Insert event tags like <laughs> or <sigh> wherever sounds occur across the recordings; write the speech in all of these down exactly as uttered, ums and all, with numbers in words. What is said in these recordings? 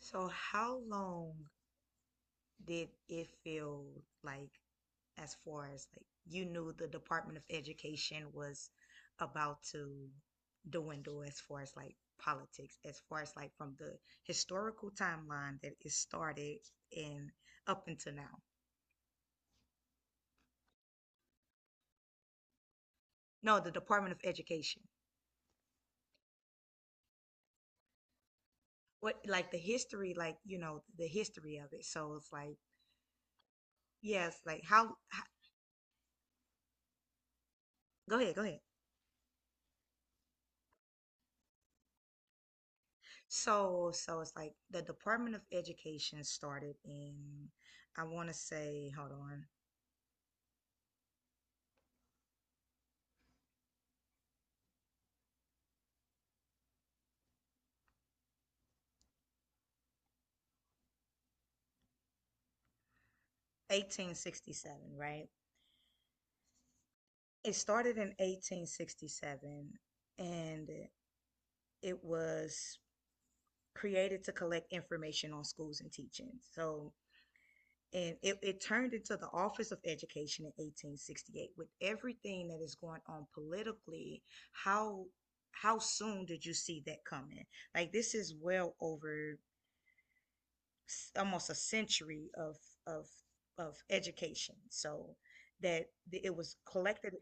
So how long did it feel like, as far as like you knew the Department of Education was about to dwindle, as far as like politics, as far as like from the historical timeline that it started and up until now? No, the Department of Education. What, like the history, like you know, the history of it. So it's like yes, like how, how go ahead, go ahead. So, so it's like the Department of Education started in, I want to say, hold on, eighteen sixty-seven, right? It started in eighteen sixty-seven and it was created to collect information on schools and teaching. So, and it, it turned into the Office of Education in eighteen sixty-eight with everything that is going on politically. How how soon did you see that coming? Like this is well over almost a century of of of education, so that it was collected,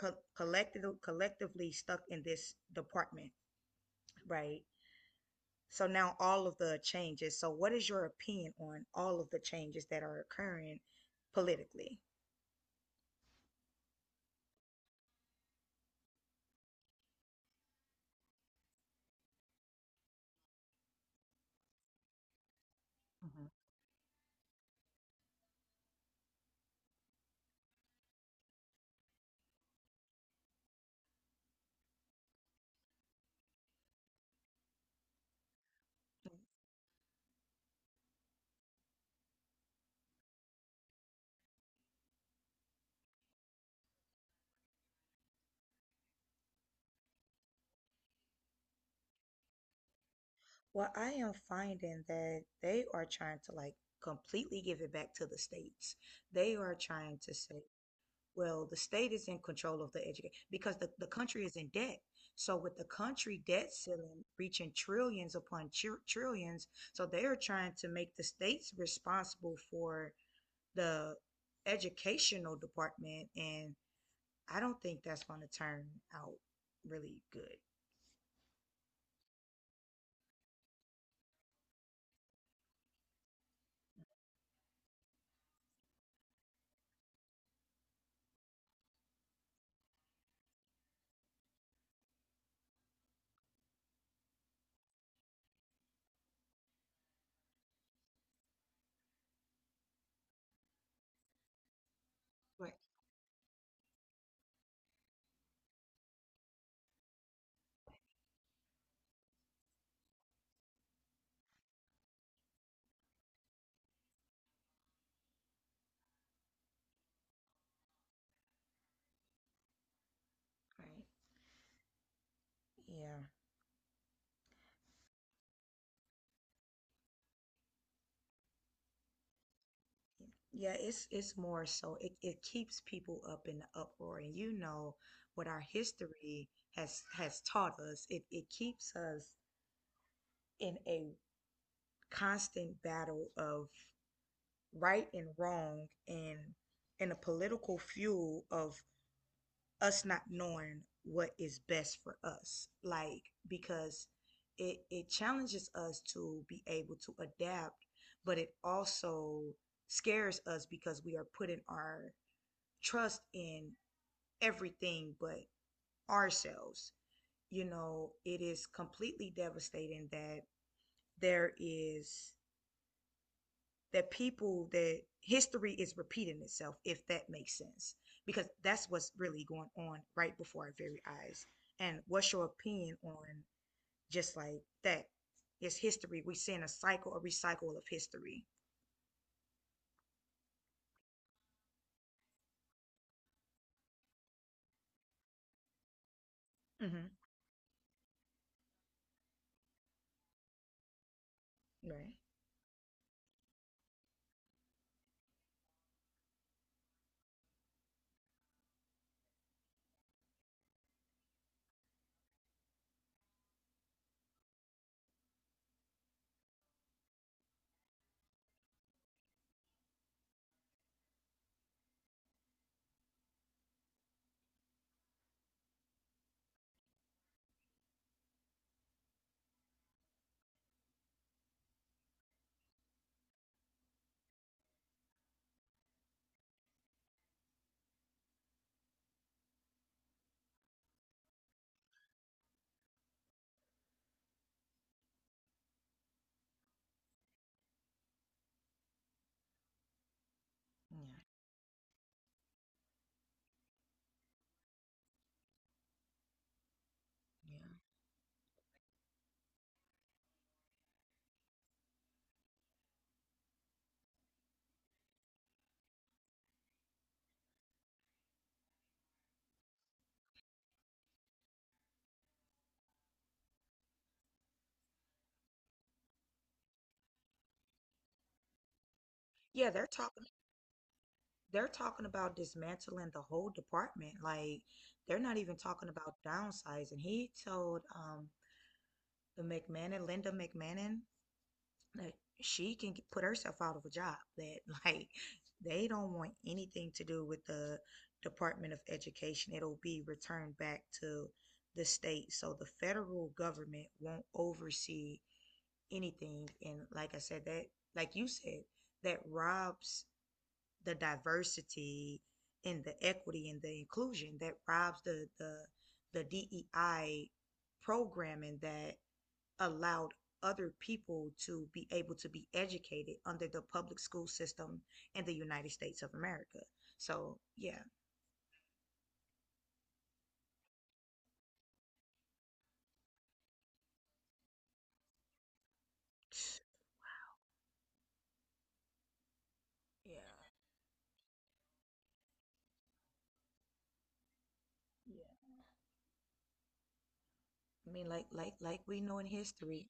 co- collected collectively, stuck in this department, right? So now all of the changes. So what is your opinion on all of the changes that are occurring politically? Mm. Well, I am finding that they are trying to like completely give it back to the states. They are trying to say, well, the state is in control of the education because the, the country is in debt. So with the country debt ceiling reaching trillions upon tr- trillions, so they are trying to make the states responsible for the educational department, and I don't think that's going to turn out really good. Right, right. Yeah. Yeah, it's it's more so it, it keeps people up in the uproar, and you know what our history has has taught us. It it keeps us in a constant battle of right and wrong, and in a political fuel of us not knowing what is best for us, like, because it it challenges us to be able to adapt, but it also scares us because we are putting our trust in everything but ourselves. You know, it is completely devastating that there is that people, that history is repeating itself, if that makes sense, because that's what's really going on right before our very eyes. And what's your opinion on just like that? It's history. We're seeing a cycle, a recycle of history. Hmm. Right. Yeah. Yeah. Yeah they're talking they're talking about dismantling the whole department. Like, they're not even talking about downsizing. He told um the McMahon, Linda McMahon, that she can g- put herself out of a job. That <laughs> like they don't want anything to do with the Department of Education. It'll be returned back to the state. So the federal government won't oversee anything. And like I said, that, like you said, that robs the diversity and the equity and the inclusion. That robs the the the D E I programming that allowed other people to be able to be educated under the public school system in the United States of America. So yeah, yeah, yeah. I mean, like like like we know in history.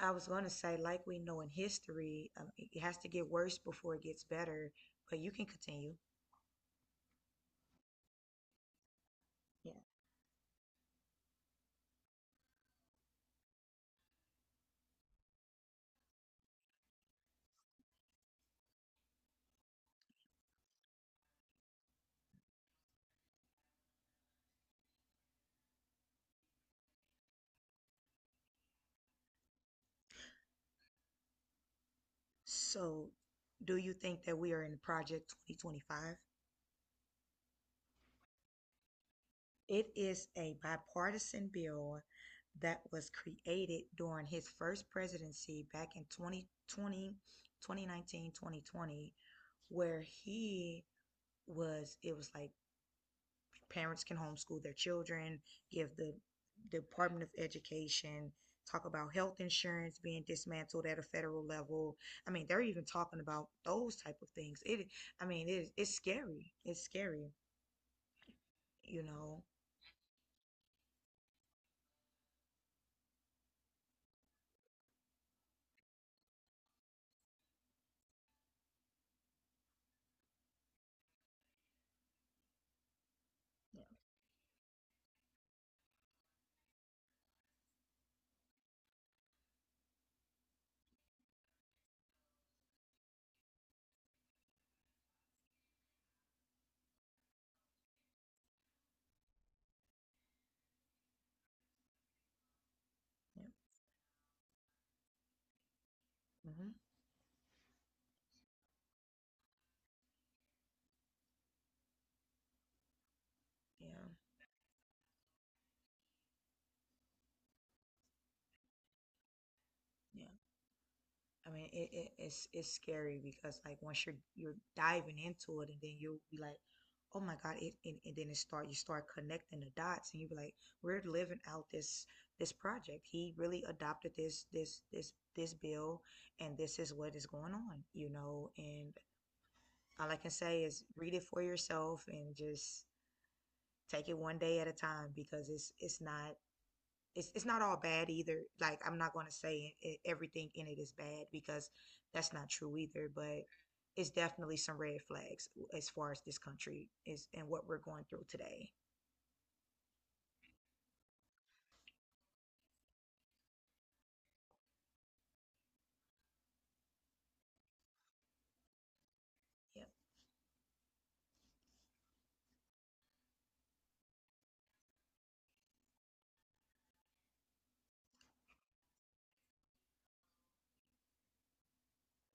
I was gonna say, like we know in history, um, it has to get worse before it gets better. But you can continue. Yeah. So, do you think that we are in Project twenty twenty-five? It is a bipartisan bill that was created during his first presidency back in twenty twenty, twenty nineteen, twenty twenty, where he was, it was like parents can homeschool their children, give the Department of Education, talk about health insurance being dismantled at a federal level. I mean, they're even talking about those type of things. It, I mean, it, it's scary. It's scary, you know. Yeah. Yeah. Hmm. Yeah. Yeah. I mean, it, it, it's it's scary because like once you're you're diving into it, and then you'll be like, oh my God, it and, and then it start you start connecting the dots, and you be like, we're living out this this project. He really adopted this this this this bill, and this is what is going on, you know. And all I can say is read it for yourself and just take it one day at a time because it's it's not it's it's not all bad either. Like, I'm not going to say it, everything in it is bad, because that's not true either, but it's definitely some red flags as far as this country is and what we're going through today. Yeah.